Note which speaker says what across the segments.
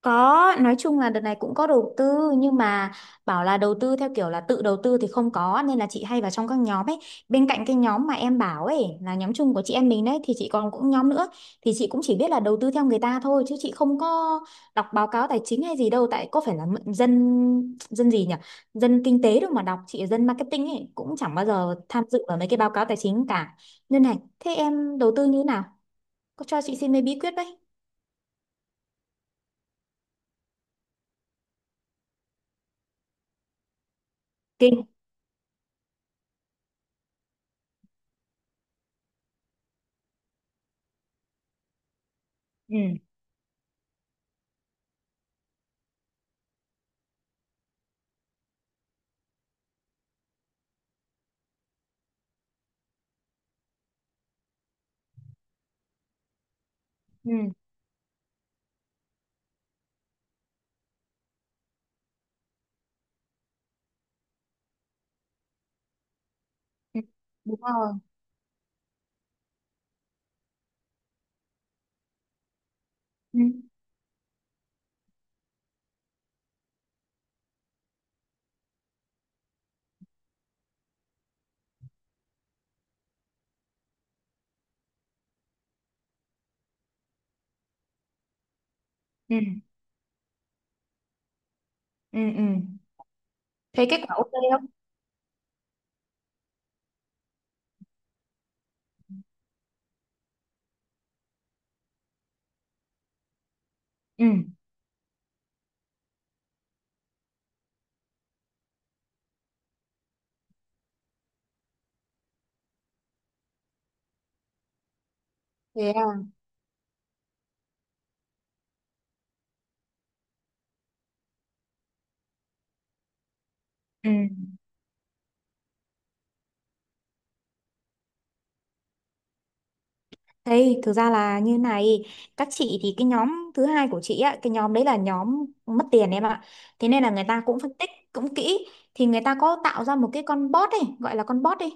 Speaker 1: Có, nói chung là đợt này cũng có đầu tư nhưng mà bảo là đầu tư theo kiểu là tự đầu tư thì không có nên là chị hay vào trong các nhóm ấy. Bên cạnh cái nhóm mà em bảo ấy là nhóm chung của chị em mình đấy thì chị còn cũng nhóm nữa thì chị cũng chỉ biết là đầu tư theo người ta thôi chứ chị không có đọc báo cáo tài chính hay gì đâu tại có phải là mượn dân dân gì nhỉ? Dân kinh tế đâu mà đọc, chị là dân marketing ấy cũng chẳng bao giờ tham dự vào mấy cái báo cáo tài chính cả. Nên này, thế em đầu tư như thế nào? Có cho chị xin mấy bí quyết đấy. Kinh. Ừ. Ừ. Ừ, đúng rồi. Ừ, ừ, ừ, ừ. Thấy kết quả ok không? Ừ, thế à? Ừ. Thế thực ra là như này, các chị thì cái nhóm thứ hai của chị á, cái nhóm đấy là nhóm mất tiền em ạ. Thế nên là người ta cũng phân tích cũng kỹ thì người ta có tạo ra một cái con bot ấy, gọi là con bot đi.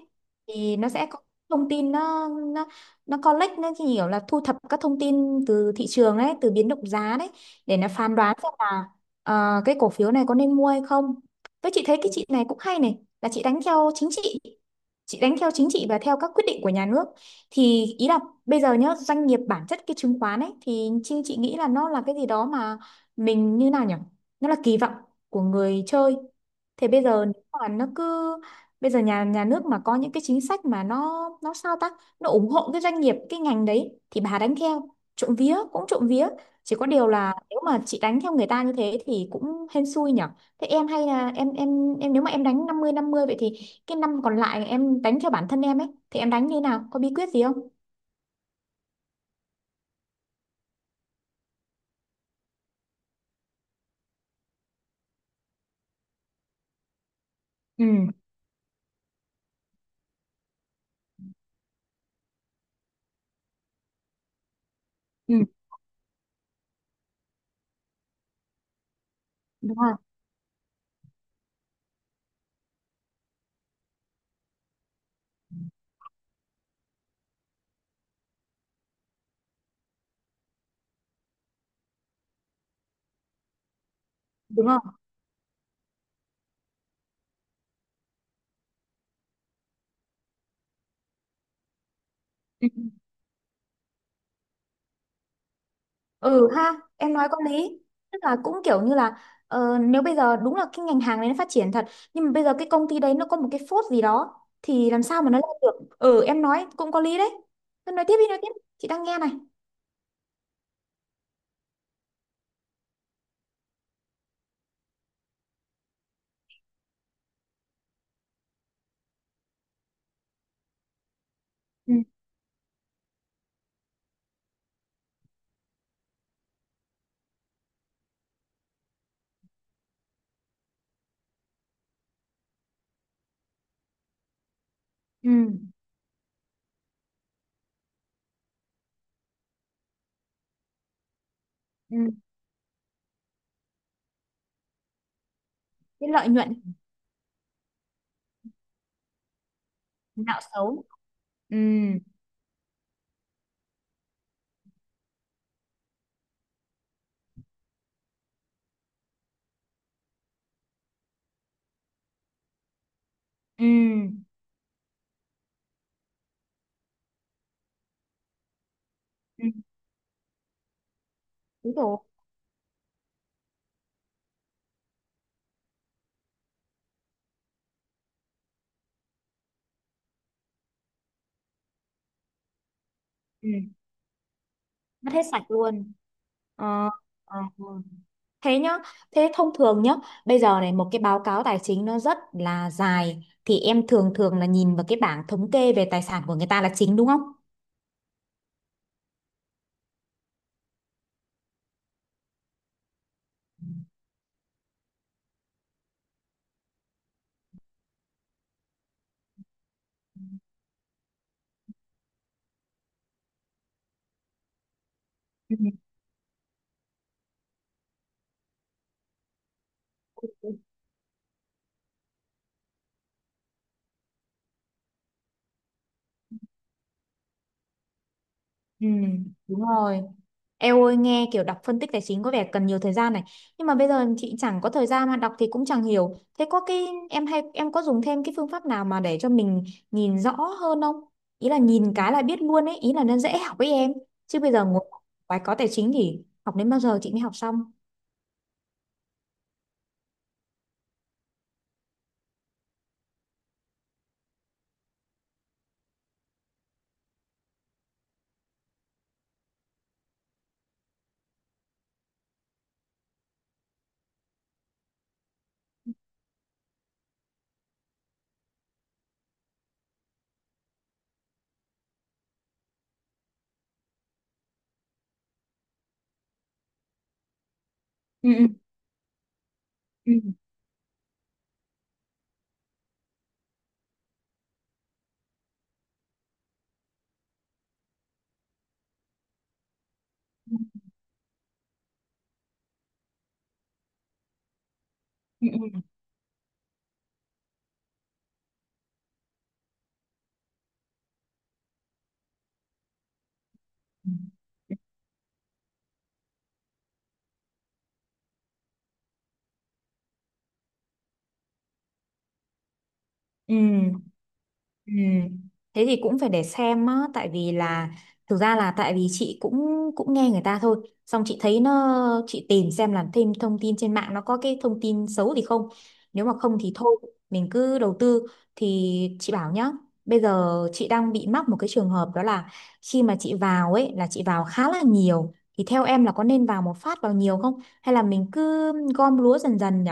Speaker 1: Thì nó sẽ có thông tin nó collect nó chỉ hiểu là thu thập các thông tin từ thị trường ấy, từ biến động giá đấy để nó phán đoán xem là cái cổ phiếu này có nên mua hay không. Chị thấy cái chị này cũng hay này, là chị đánh theo chính trị. Chị đánh theo chính trị và theo các quyết định của nhà nước thì ý là bây giờ nhá, doanh nghiệp bản chất cái chứng khoán ấy thì chị nghĩ là nó là cái gì đó mà mình như nào nhỉ? Nó là kỳ vọng của người chơi. Thế bây giờ nếu mà nó cứ bây giờ nhà nhà nước mà có những cái chính sách mà nó sao ta? Nó ủng hộ cái doanh nghiệp cái ngành đấy thì bà đánh theo. Trộm vía cũng trộm vía, chỉ có điều là nếu mà chị đánh theo người ta như thế thì cũng hên xui nhỉ. Thế em hay là em nếu mà em đánh 50/50 vậy thì cái năm còn lại em đánh theo bản thân em ấy thì em đánh như nào? Có bí quyết gì không? Ừ. Ừ, đúng rồi. Đúng rồi. Ừ. Ừ ha em nói có lý tức là cũng kiểu như là nếu bây giờ đúng là cái ngành hàng đấy nó phát triển thật nhưng mà bây giờ cái công ty đấy nó có một cái phốt gì đó thì làm sao mà nó lên được. Ừ em nói cũng có lý đấy. Cứ nói tiếp đi nói tiếp, chị đang nghe này. Ừ. Ừ. Ừ. Cái lợi nhuận nạo xấu. Ừ. Ừ. Ừ, đúng rồi. Ừ. Mất hết sạch luôn. Ờ. Ờ. Thế nhá, thế thông thường nhá, bây giờ này một cái báo cáo tài chính nó rất là dài thì em thường thường là nhìn vào cái bảng thống kê về tài sản của người ta là chính đúng không? Ừ. Ừ, đúng rồi. Eo ơi nghe kiểu đọc phân tích tài chính có vẻ cần nhiều thời gian này, nhưng mà bây giờ chị chẳng có thời gian mà đọc thì cũng chẳng hiểu. Thế có cái em hay em có dùng thêm cái phương pháp nào mà để cho mình nhìn rõ hơn không? Ý là nhìn cái là biết luôn ấy, ý là nó dễ học với em. Chứ bây giờ ngồi bài có tài chính thì học đến bao giờ chị mới học xong? Ừ. Ừ. Ừ. Ừ. Ừ. Ừ. Ừ. Thế thì cũng phải để xem á, tại vì là thực ra là tại vì chị cũng cũng nghe người ta thôi, xong chị thấy nó chị tìm xem là thêm thông tin trên mạng nó có cái thông tin xấu thì không. Nếu mà không thì thôi, mình cứ đầu tư thì chị bảo nhá. Bây giờ chị đang bị mắc một cái trường hợp đó là khi mà chị vào ấy là chị vào khá là nhiều thì theo em là có nên vào một phát vào nhiều không hay là mình cứ gom lúa dần dần nhỉ?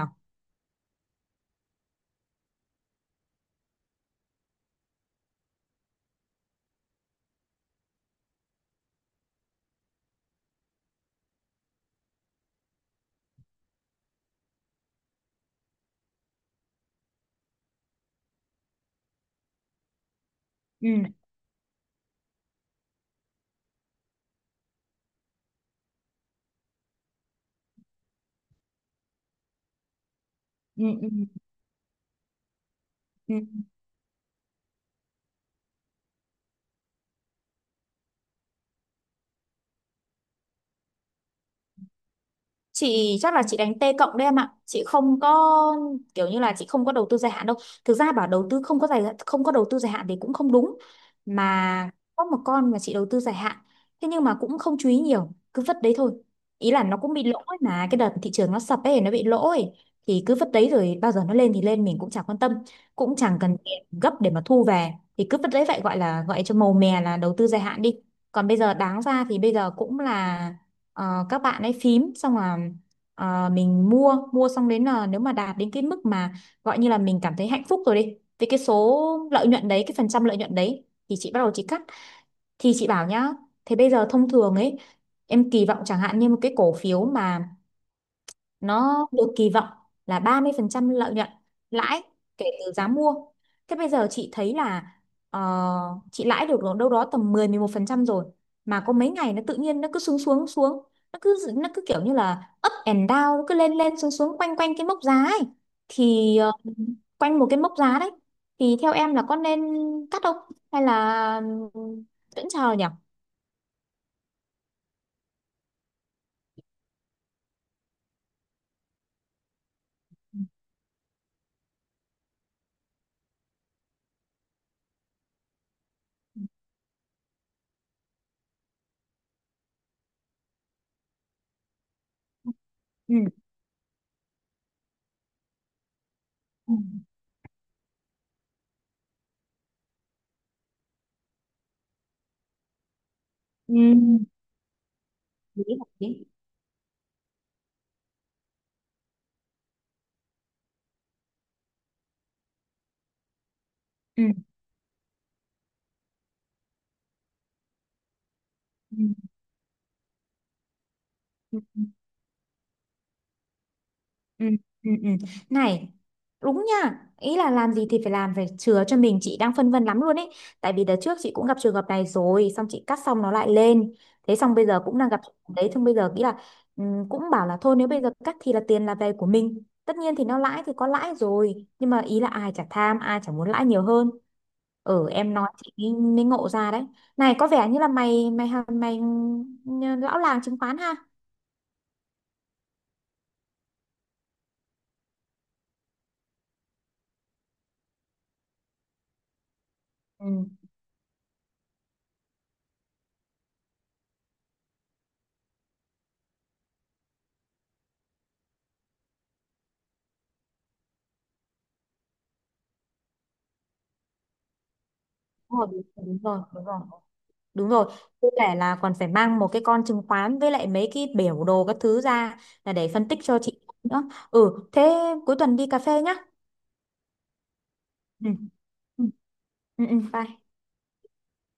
Speaker 1: Ừ. Ừ. Ừ. Chị chắc là chị đánh T+ đấy em ạ, chị không có kiểu như là chị không có đầu tư dài hạn đâu. Thực ra bảo đầu tư không có đầu tư dài hạn thì cũng không đúng, mà có một con mà chị đầu tư dài hạn, thế nhưng mà cũng không chú ý nhiều cứ vứt đấy thôi, ý là nó cũng bị lỗ ấy, mà cái đợt thị trường nó sập ấy nó bị lỗ ấy thì cứ vứt đấy rồi bao giờ nó lên thì lên mình cũng chẳng quan tâm, cũng chẳng cần tiền gấp để mà thu về thì cứ vứt đấy vậy, gọi là gọi cho màu mè là đầu tư dài hạn đi. Còn bây giờ đáng ra thì bây giờ cũng là các bạn ấy phím xong là mình mua mua xong đến là nếu mà đạt đến cái mức mà gọi như là mình cảm thấy hạnh phúc rồi đi thì cái số lợi nhuận đấy cái phần trăm lợi nhuận đấy thì chị bắt đầu chị cắt. Thì chị bảo nhá, thế bây giờ thông thường ấy em kỳ vọng chẳng hạn như một cái cổ phiếu mà nó được kỳ vọng là 30% lợi nhuận lãi kể từ giá mua. Thế bây giờ chị thấy là ờ, chị lãi được đâu đó tầm 10-11% rồi mà có mấy ngày nó tự nhiên nó cứ xuống xuống xuống, nó cứ kiểu như là up and down nó cứ lên lên xuống xuống quanh quanh cái mốc giá ấy thì quanh một cái mốc giá đấy thì theo em là có nên cắt không hay là vẫn chờ nhỉ? Ừ. Ừ. Ừ. Ừ. Ừ, ừ, ừ. Này đúng nha, ý là làm gì thì phải làm phải chừa cho mình, chị đang phân vân lắm luôn ấy, tại vì đợt trước chị cũng gặp trường hợp này rồi xong chị cắt xong nó lại lên, thế xong bây giờ cũng đang gặp trường hợp đấy xong bây giờ nghĩ là ừ, cũng bảo là thôi nếu bây giờ cắt thì là tiền là về của mình, tất nhiên thì nó lãi thì có lãi rồi nhưng mà ý là ai chả tham ai chả muốn lãi nhiều hơn. Ừ em nói chị mới mới ngộ ra đấy. Này có vẻ như là mày ừ, lão làng chứng khoán ha. Ừ, đúng rồi, đúng rồi, đúng rồi. Đúng rồi, với cả là còn phải mang một cái con chứng khoán với lại mấy cái biểu đồ các thứ ra là để phân tích cho chị nữa. Ừ, thế cuối tuần đi cà phê nhá. Ừ. Ừ, ừ, ừ, bye.